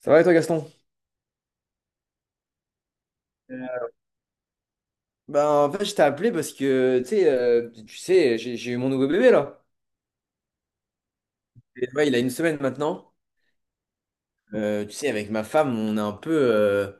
Ça va et toi, Gaston? Euh, Ben, en fait, je t'ai appelé parce que, tu sais, j'ai eu mon nouveau bébé, là. Et, ouais, il a une semaine maintenant. Tu sais, avec ma femme, on est un peu...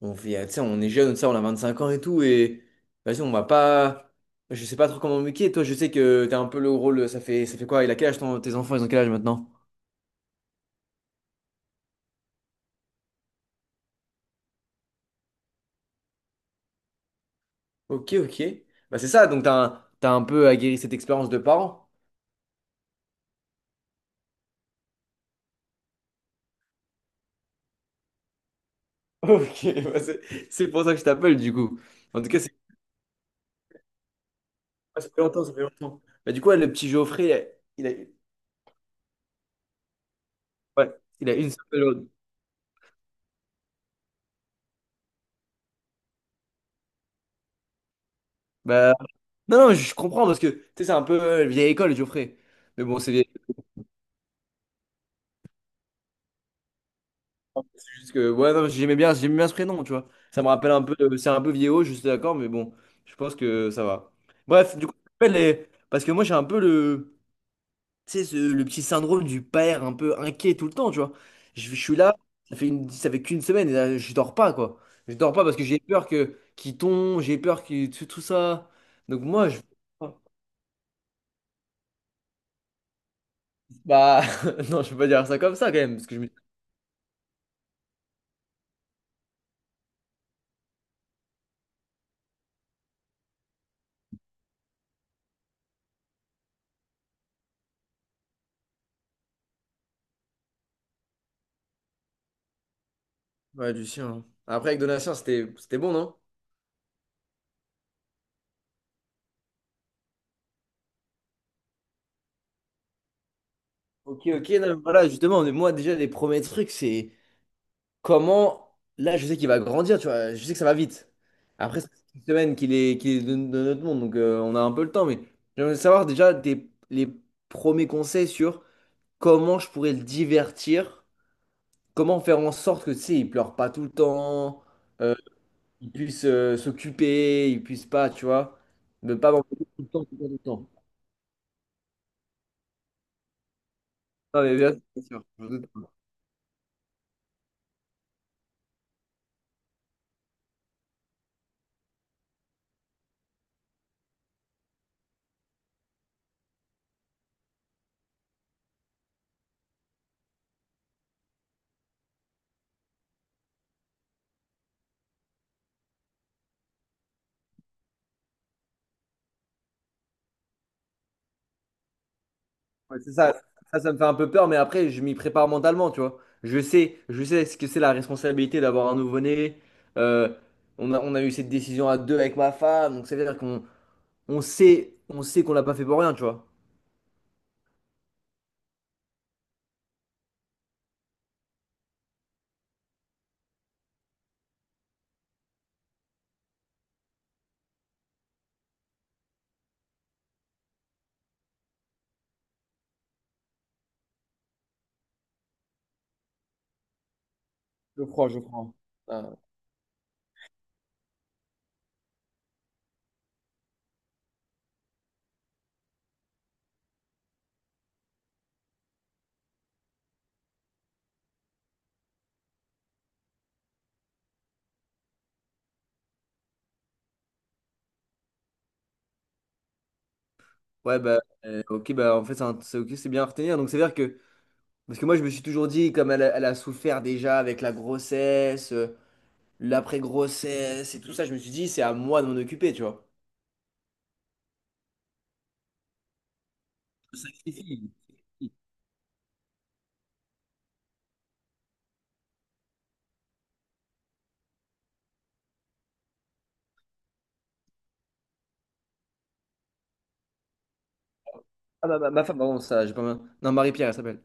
on fait, tu sais, on est jeune, tu sais, on a 25 ans et tout. Et vas-y, on va pas... Je sais pas trop comment m'occuper. Toi, je sais que t'as un peu le rôle... ça fait quoi? Il a quel âge, tes enfants? Ils ont quel âge maintenant? Ok, ok. Bah, c'est ça, donc t'as un peu aguerri cette expérience de parent. Ok, bah, c'est pour ça que je t'appelle, du coup. En tout cas, ah, ça fait longtemps, ça fait longtemps. Bah, du coup, ouais, le petit Geoffrey, ouais, il a une seule pelode. Bah, non, non, je comprends parce que, tu sais, c'est un peu vieille école, Geoffrey. Mais bon, c'est juste que, ouais, non, j'aimais bien ce prénom, tu vois. Ça me rappelle un peu, c'est un peu vieillot, je suis d'accord, mais bon, je pense que ça va. Bref, du coup, parce que moi, j'ai un peu le, tu sais, le petit syndrome du père un peu inquiet tout le temps, tu vois. Je suis là, ça fait qu'une semaine et là, je dors pas, quoi. Je dors pas parce que j'ai peur que qu'il tombe, j'ai peur que tout, tout ça. Donc moi, je... Bah, non, je peux pas dire ça comme ça quand même, parce que je me... Ouais, Lucien. Après, avec Donatien, c'était bon, non? Ok, ok, non, mais voilà, justement, mais moi déjà, les premiers trucs, c'est... Comment, là, je sais qu'il va grandir, tu vois, je sais que ça va vite. Après, ça fait une semaine qu'il est de notre monde, donc on a un peu le temps, mais j'aimerais savoir déjà les premiers conseils sur comment je pourrais le divertir, comment faire en sorte que, tu sais, il pleure pas tout le temps, euh, il puisse s'occuper, il puisse pas, tu vois, ne pas m'embêter tout le temps, tout le temps, tout le temps. Non, mais bien sûr, bien sûr. Ouais, c'est ça. Ça me fait un peu peur, mais après, je m'y prépare mentalement, tu vois. Je sais ce que c'est la responsabilité d'avoir un nouveau-né. Euh, on a eu cette décision à deux avec ma femme, donc ça veut dire qu'on on sait qu'on l'a pas fait pour rien, tu vois. Je crois, je crois. Ah. Ouais, bah, ok, bah, en fait, c'est ok, c'est bien à retenir. Donc, c'est-à-dire que, parce que moi, je me suis toujours dit, comme elle a souffert déjà avec la grossesse, l'après-grossesse et tout ça, je me suis dit, c'est à moi de m'en occuper, tu vois. Je me sacrifie. Ah, ma femme, pardon, ça, j'ai pas. Non, Marie-Pierre, elle s'appelle.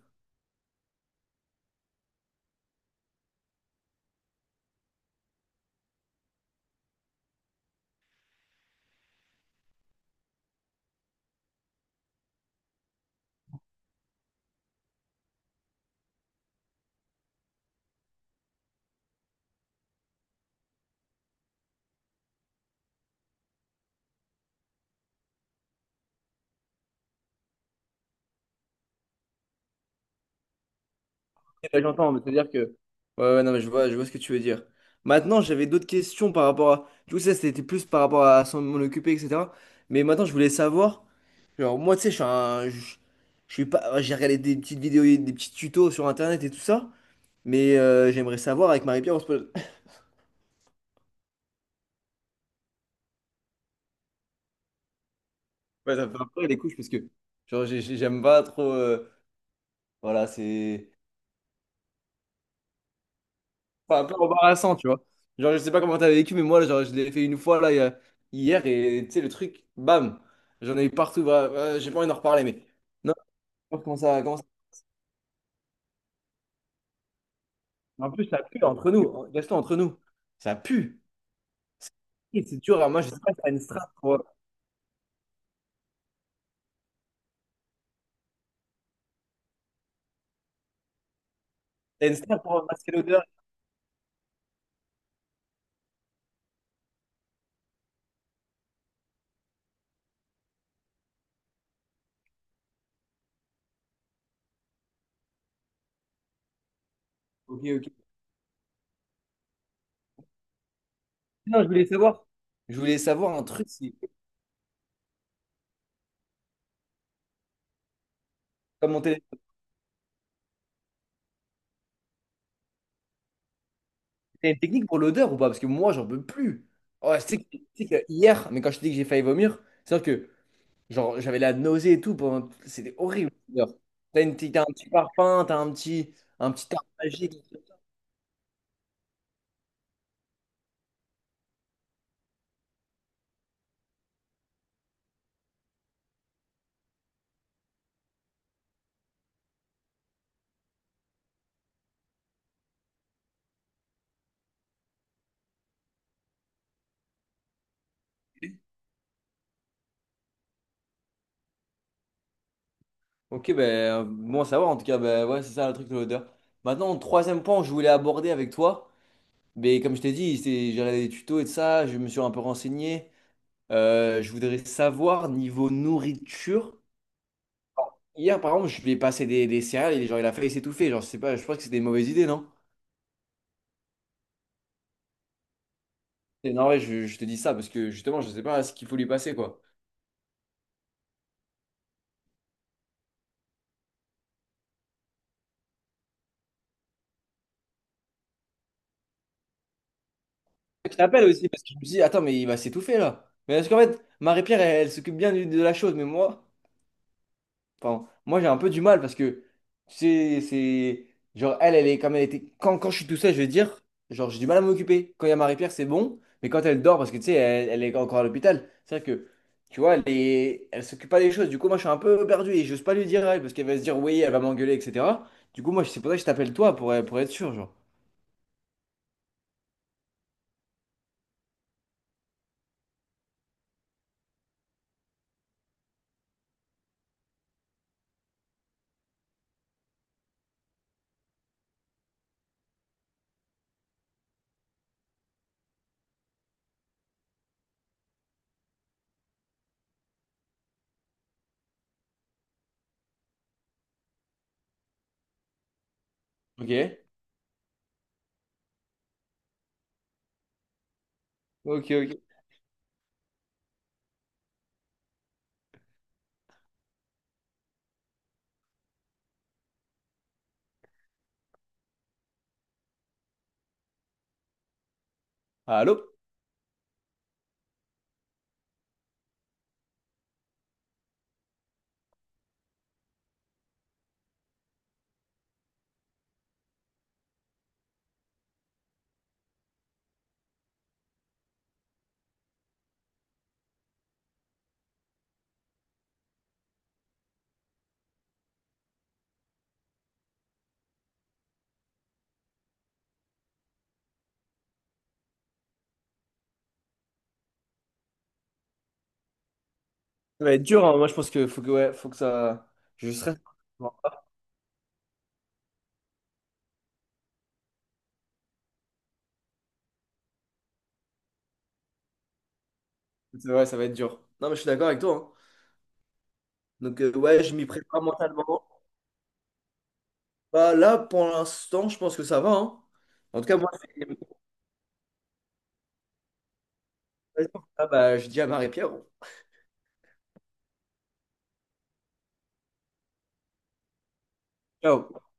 Ouais, j'entends, mais c'est-à-dire que. Ouais, ouais, non, mais je vois ce que tu veux dire. Maintenant, j'avais d'autres questions par rapport à. Du coup, ça, c'était plus par rapport à s'en m'en occuper, etc. Mais maintenant, je voulais savoir. Genre, moi, tu sais, je suis un. Je suis pas. J'ai regardé des petites vidéos, et des petits tutos sur Internet et tout ça. Mais j'aimerais savoir avec Marie-Pierre, on se pose. Ouais, ça me fait un peu les couches parce que. Genre, j'aime pas trop. Voilà, c'est. Enfin, un peu embarrassant, tu vois. Genre, je sais pas comment t'as vécu, mais moi, genre, je l'ai fait une fois, là, hier, et tu sais, le truc, bam, j'en ai eu partout. Bah, j'ai pas envie d'en reparler, mais. Non, comment ça... En plus, ça pue entre nous, Gaston, entre nous. Ça pue. C'est et c'est dur, hein. Moi, je sais pas si t'as une strat pour, t'as une strat pour masquer l'odeur. Ok, ok. Non, je voulais savoir. Je voulais savoir un truc, si, comment t'es- t'as une technique pour l'odeur ou pas? Parce que moi, j'en peux plus. Ouais, c'est que, tu sais que hier, mais quand je te dis que j'ai failli vomir, c'est-à-dire que genre, j'avais la nausée et tout pendant... C'était horrible. L'odeur. T'as un petit parfum, un petit arbre magique. Ok, ben, bon à savoir, en tout cas, ben, ouais, c'est ça le truc de l'odeur. Maintenant, troisième point que je voulais aborder avec toi, mais comme je t'ai dit, j'ai regardé des tutos et de ça, je me suis un peu renseigné. Je voudrais savoir, niveau nourriture, hier, par exemple, je lui ai passé des céréales et genre, il a failli s'étouffer. Genre, je sais pas, je pense que c'est des mauvaises idées, non? Et non, ouais, je te dis ça parce que justement, je sais pas ce qu'il faut lui passer, quoi. Je l'appelle aussi parce que je me dis attends, mais il va s'étouffer là. Mais parce qu'en fait, Marie-Pierre, elle, elle s'occupe bien de la chose, mais moi, enfin, moi j'ai un peu du mal parce que, tu sais, c'est. Genre, elle, elle est comme elle était. Quand je suis tout seul, je vais dire, genre, j'ai du mal à m'occuper. Quand il y a Marie-Pierre, c'est bon, mais quand elle dort, parce que tu sais, elle, elle est encore à l'hôpital, c'est vrai que, tu vois, elle est... elle s'occupe pas des choses. Du coup, moi, je suis un peu perdu et j'ose pas lui dire à elle parce qu'elle va se dire, oui, elle va m'engueuler, etc. Du coup, moi, c'est pour ça que je t'appelle toi pour être sûr, genre. Ok. Ok, ok. Allô? Ça va être dur, hein. Moi je pense que faut que ouais, faut que ça. Je serai. Ouais, ça va être dur. Non, mais je suis d'accord avec toi. Hein. Donc ouais, je m'y prépare mentalement. Bah, là, pour l'instant, je pense que ça va. Hein. En tout cas, moi, c'est... Ah, bah, je dis à Marie-Pierre. Ciao.